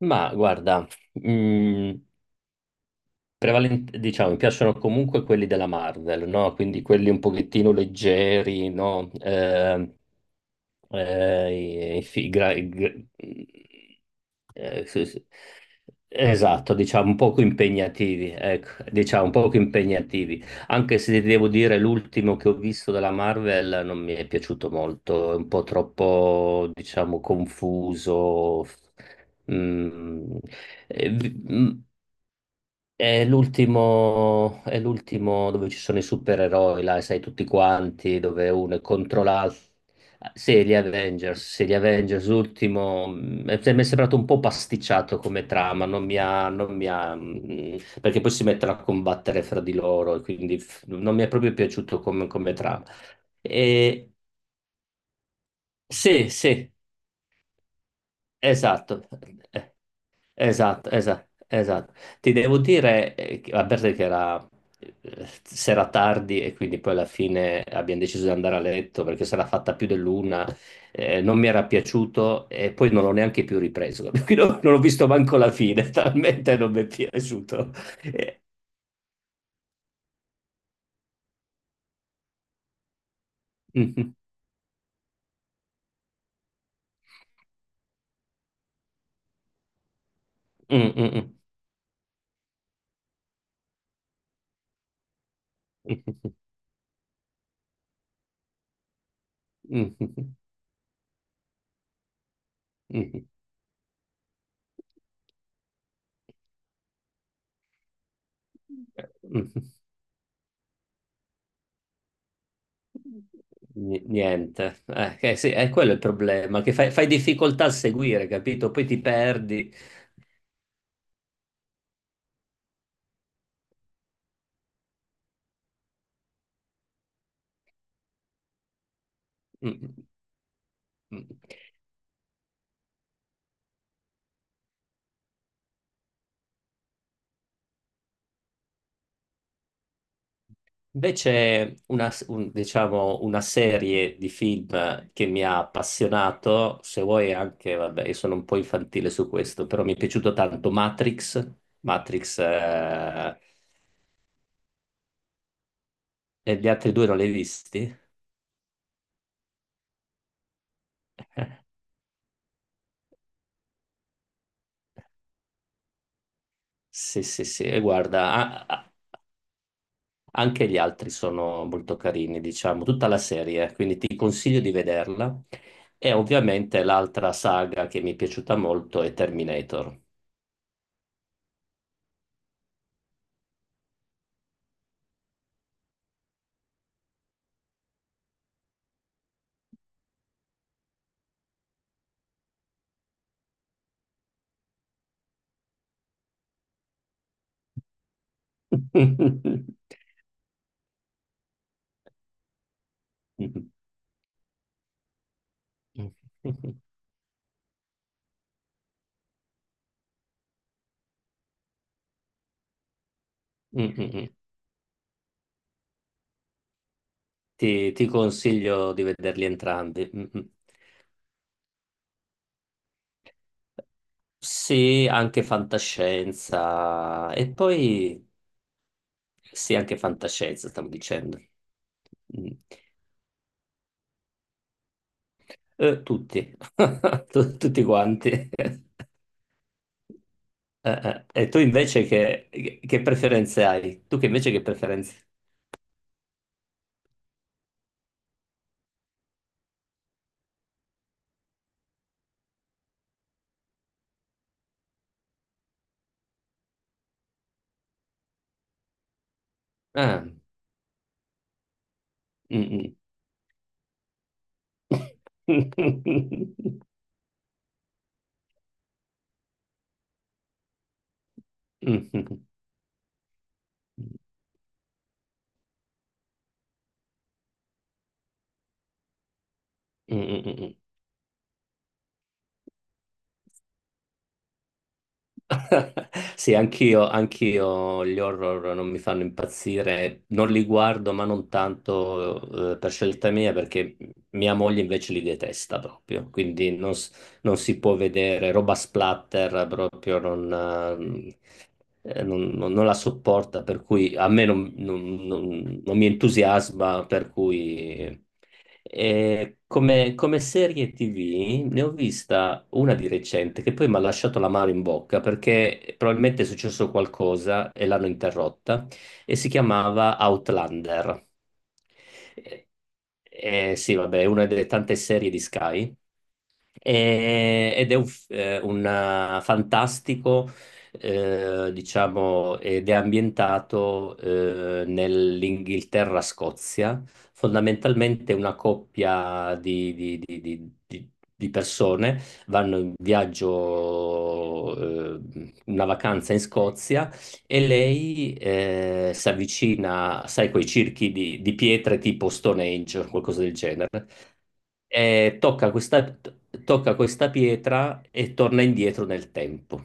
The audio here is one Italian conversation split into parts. Ma guarda, mm, diciamo, mi piacciono comunque quelli della Marvel, no? Quindi quelli un pochettino leggeri, no? Eh, i- i- gra- i- gra- sì, sì. Esatto, diciamo un poco impegnativi, ecco, diciamo un poco impegnativi, anche se ti devo dire l'ultimo che ho visto della Marvel non mi è piaciuto molto, è un po' troppo, diciamo, confuso. Mm, eh, vi- mm, è l'ultimo dove ci sono i supereroi, là, sai, tutti quanti, dove uno è contro l'altro. Sì, gli Avengers, l'ultimo, mi è sembrato un po' pasticciato come trama, non mi ha, perché poi si mettono a combattere fra di loro, e quindi non mi è proprio piaciuto come, come trama. E- sì, sì, esatto. Eh, Esatto, esatto, esatto. Ti devo dire, a parte che era sera tardi e quindi poi alla fine abbiamo deciso di andare a letto perché sarà fatta più dell'una, non mi era piaciuto e poi non l'ho neanche più ripreso. Quindi non, non ho visto manco la fine, talmente non mi è piaciuto. Eh, mm, mm, mm, mm, mm, mm, mm, mm, mm. Niente, sì, è quello il problema, che fai, fai difficoltà a seguire, capito? Poi ti perdi. Mm, mm. mm. Invece una, diciamo, una serie di film che mi ha appassionato, se vuoi anche, vabbè, io sono un po' infantile su questo, però mi è piaciuto tanto Matrix, Matrix. E gli altri due non li hai visti? Sì, sì, sì, e guarda, a- a- anche gli altri sono molto carini, diciamo, tutta la serie, quindi ti consiglio di vederla. E ovviamente l'altra saga che mi è piaciuta molto è Terminator. Ti consiglio di vederli entrambi. Mm. Sì, anche fantascienza. E poi sì, anche fantascienza, stavo dicendo. Mm. Tutti, tutti quanti. Eh. E tu invece che preferenze hai? Tu che invece che preferenze? Ah, mm, mm. Mm, mm, mm, mm. mm. mm, mm. Sì, anch'io, anch'io gli horror non mi fanno impazzire, non li guardo, ma non tanto per scelta mia, perché mia moglie invece li detesta proprio, quindi non, non si può vedere roba splatter, proprio non, eh, non la sopporta, per cui a me non, non mi entusiasma, per cui come, come serie TV ne ho vista una di recente che poi mi ha lasciato la mano in bocca perché probabilmente è successo qualcosa e l'hanno interrotta e si chiamava Outlander. Eh, sì, vabbè, è una delle tante serie di Sky ed è un, fantastico, diciamo, ed è ambientato nell'Inghilterra-Scozia, fondamentalmente una coppia di, di persone vanno in viaggio, una vacanza in Scozia e lei si avvicina, sai, quei circhi di pietre tipo Stone Age o qualcosa del genere, e tocca questa pietra e torna indietro nel tempo.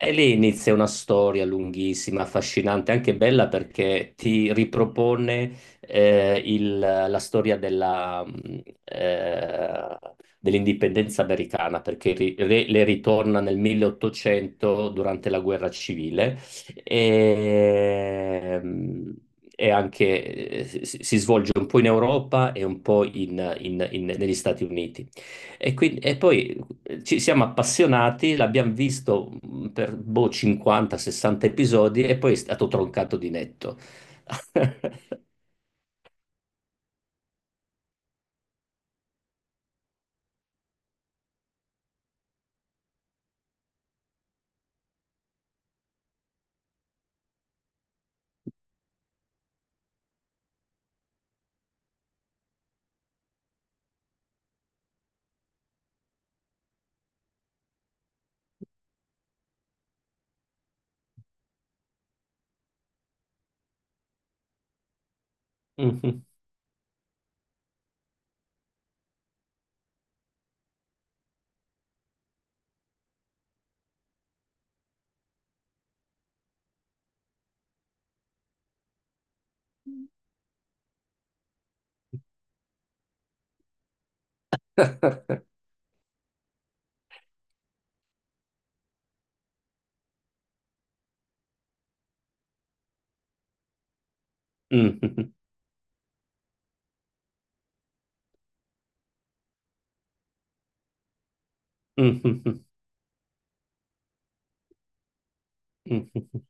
E lì inizia una storia lunghissima, affascinante, anche bella perché ti ripropone la storia della, dell'indipendenza americana, perché le ritorna nel 1800 durante la guerra civile e, mh, e anche si, si svolge un po' in Europa e un po' negli Stati Uniti. E poi ci siamo appassionati, l'abbiamo visto per boh, 50-60 episodi e poi è stato troncato di netto. Mhm. Mhm. Mhm. Mhm. Mhm.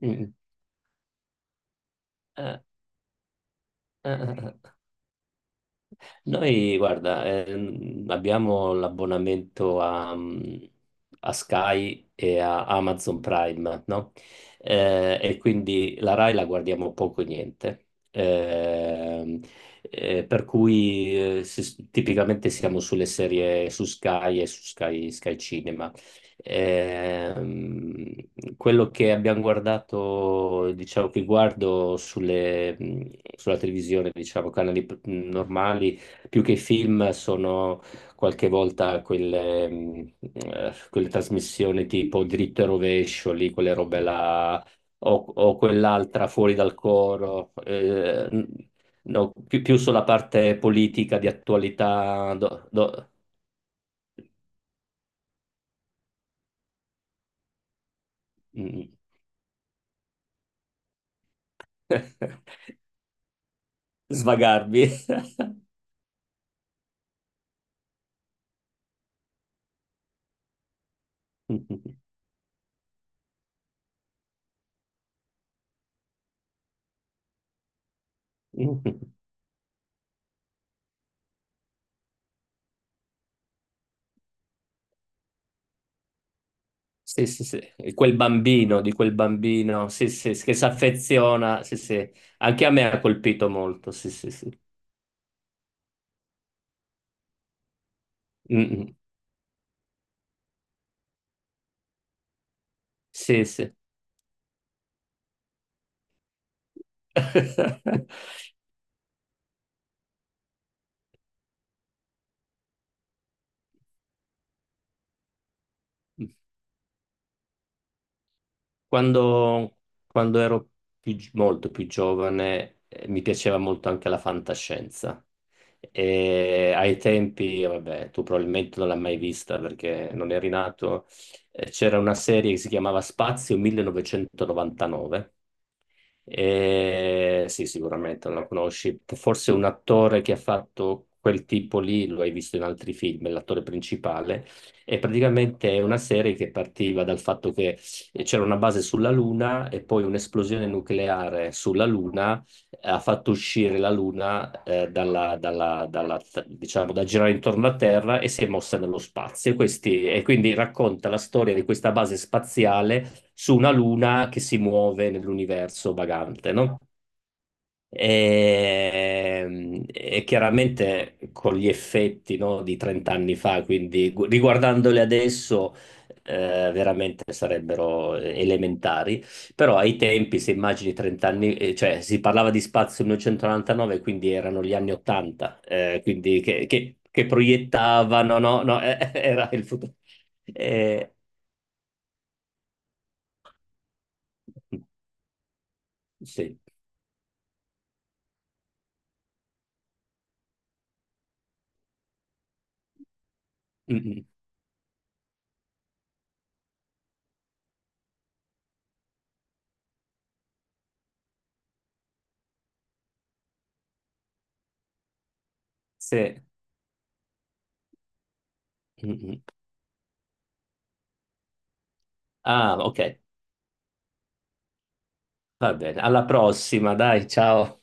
Eh, eh, eh. Noi, guarda, abbiamo l'abbonamento a, a Sky e a Amazon Prime, no? E quindi la Rai la guardiamo poco e niente. Ehm, per cui tipicamente siamo sulle serie su Sky e su Sky, Sky Cinema. Ehm, quello che abbiamo guardato, diciamo che guardo sulle, sulla televisione, diciamo, canali normali più che i film sono qualche volta quelle, quelle trasmissioni tipo Dritto e Rovescio, lì, quelle robe là, o, o quell'altra fuori dal coro, no, più, più sulla parte politica di attualità, mm, svagarmi. Sì, sì, sì. E di quel bambino, sì, sì, che si affeziona, sì, sì. Anche a me ha colpito molto, sì, sì, sì. Mm, mm. Sì, sì. Quando, quando ero molto più giovane, mi piaceva molto anche la fantascienza. E ai tempi, vabbè, tu probabilmente non l'hai mai vista perché non eri nato, c'era una serie che si chiamava Spazio 1999. Sì, sicuramente non la conosci. Forse un attore che ha fatto quel tipo lì, lo hai visto in altri film, è l'attore principale. E praticamente è una serie che partiva dal fatto che c'era una base sulla Luna e poi un'esplosione nucleare sulla Luna ha fatto uscire la Luna dalla, diciamo, da girare intorno alla Terra e si è mossa nello spazio. E quindi racconta la storia di questa base spaziale su una luna che si muove nell'universo vagante, no? E chiaramente con gli effetti, no, di 30 anni fa, quindi riguardandoli adesso, veramente sarebbero elementari, però ai tempi, se immagini 30 anni, cioè si parlava di spazio nel 1999, quindi erano gli anni 80, quindi che, che proiettavano, no, no, era il futuro. Eh, sì. Mm, mm. Sì. Mm, mm. Ah, ok, va bene. Alla prossima, dai, ciao.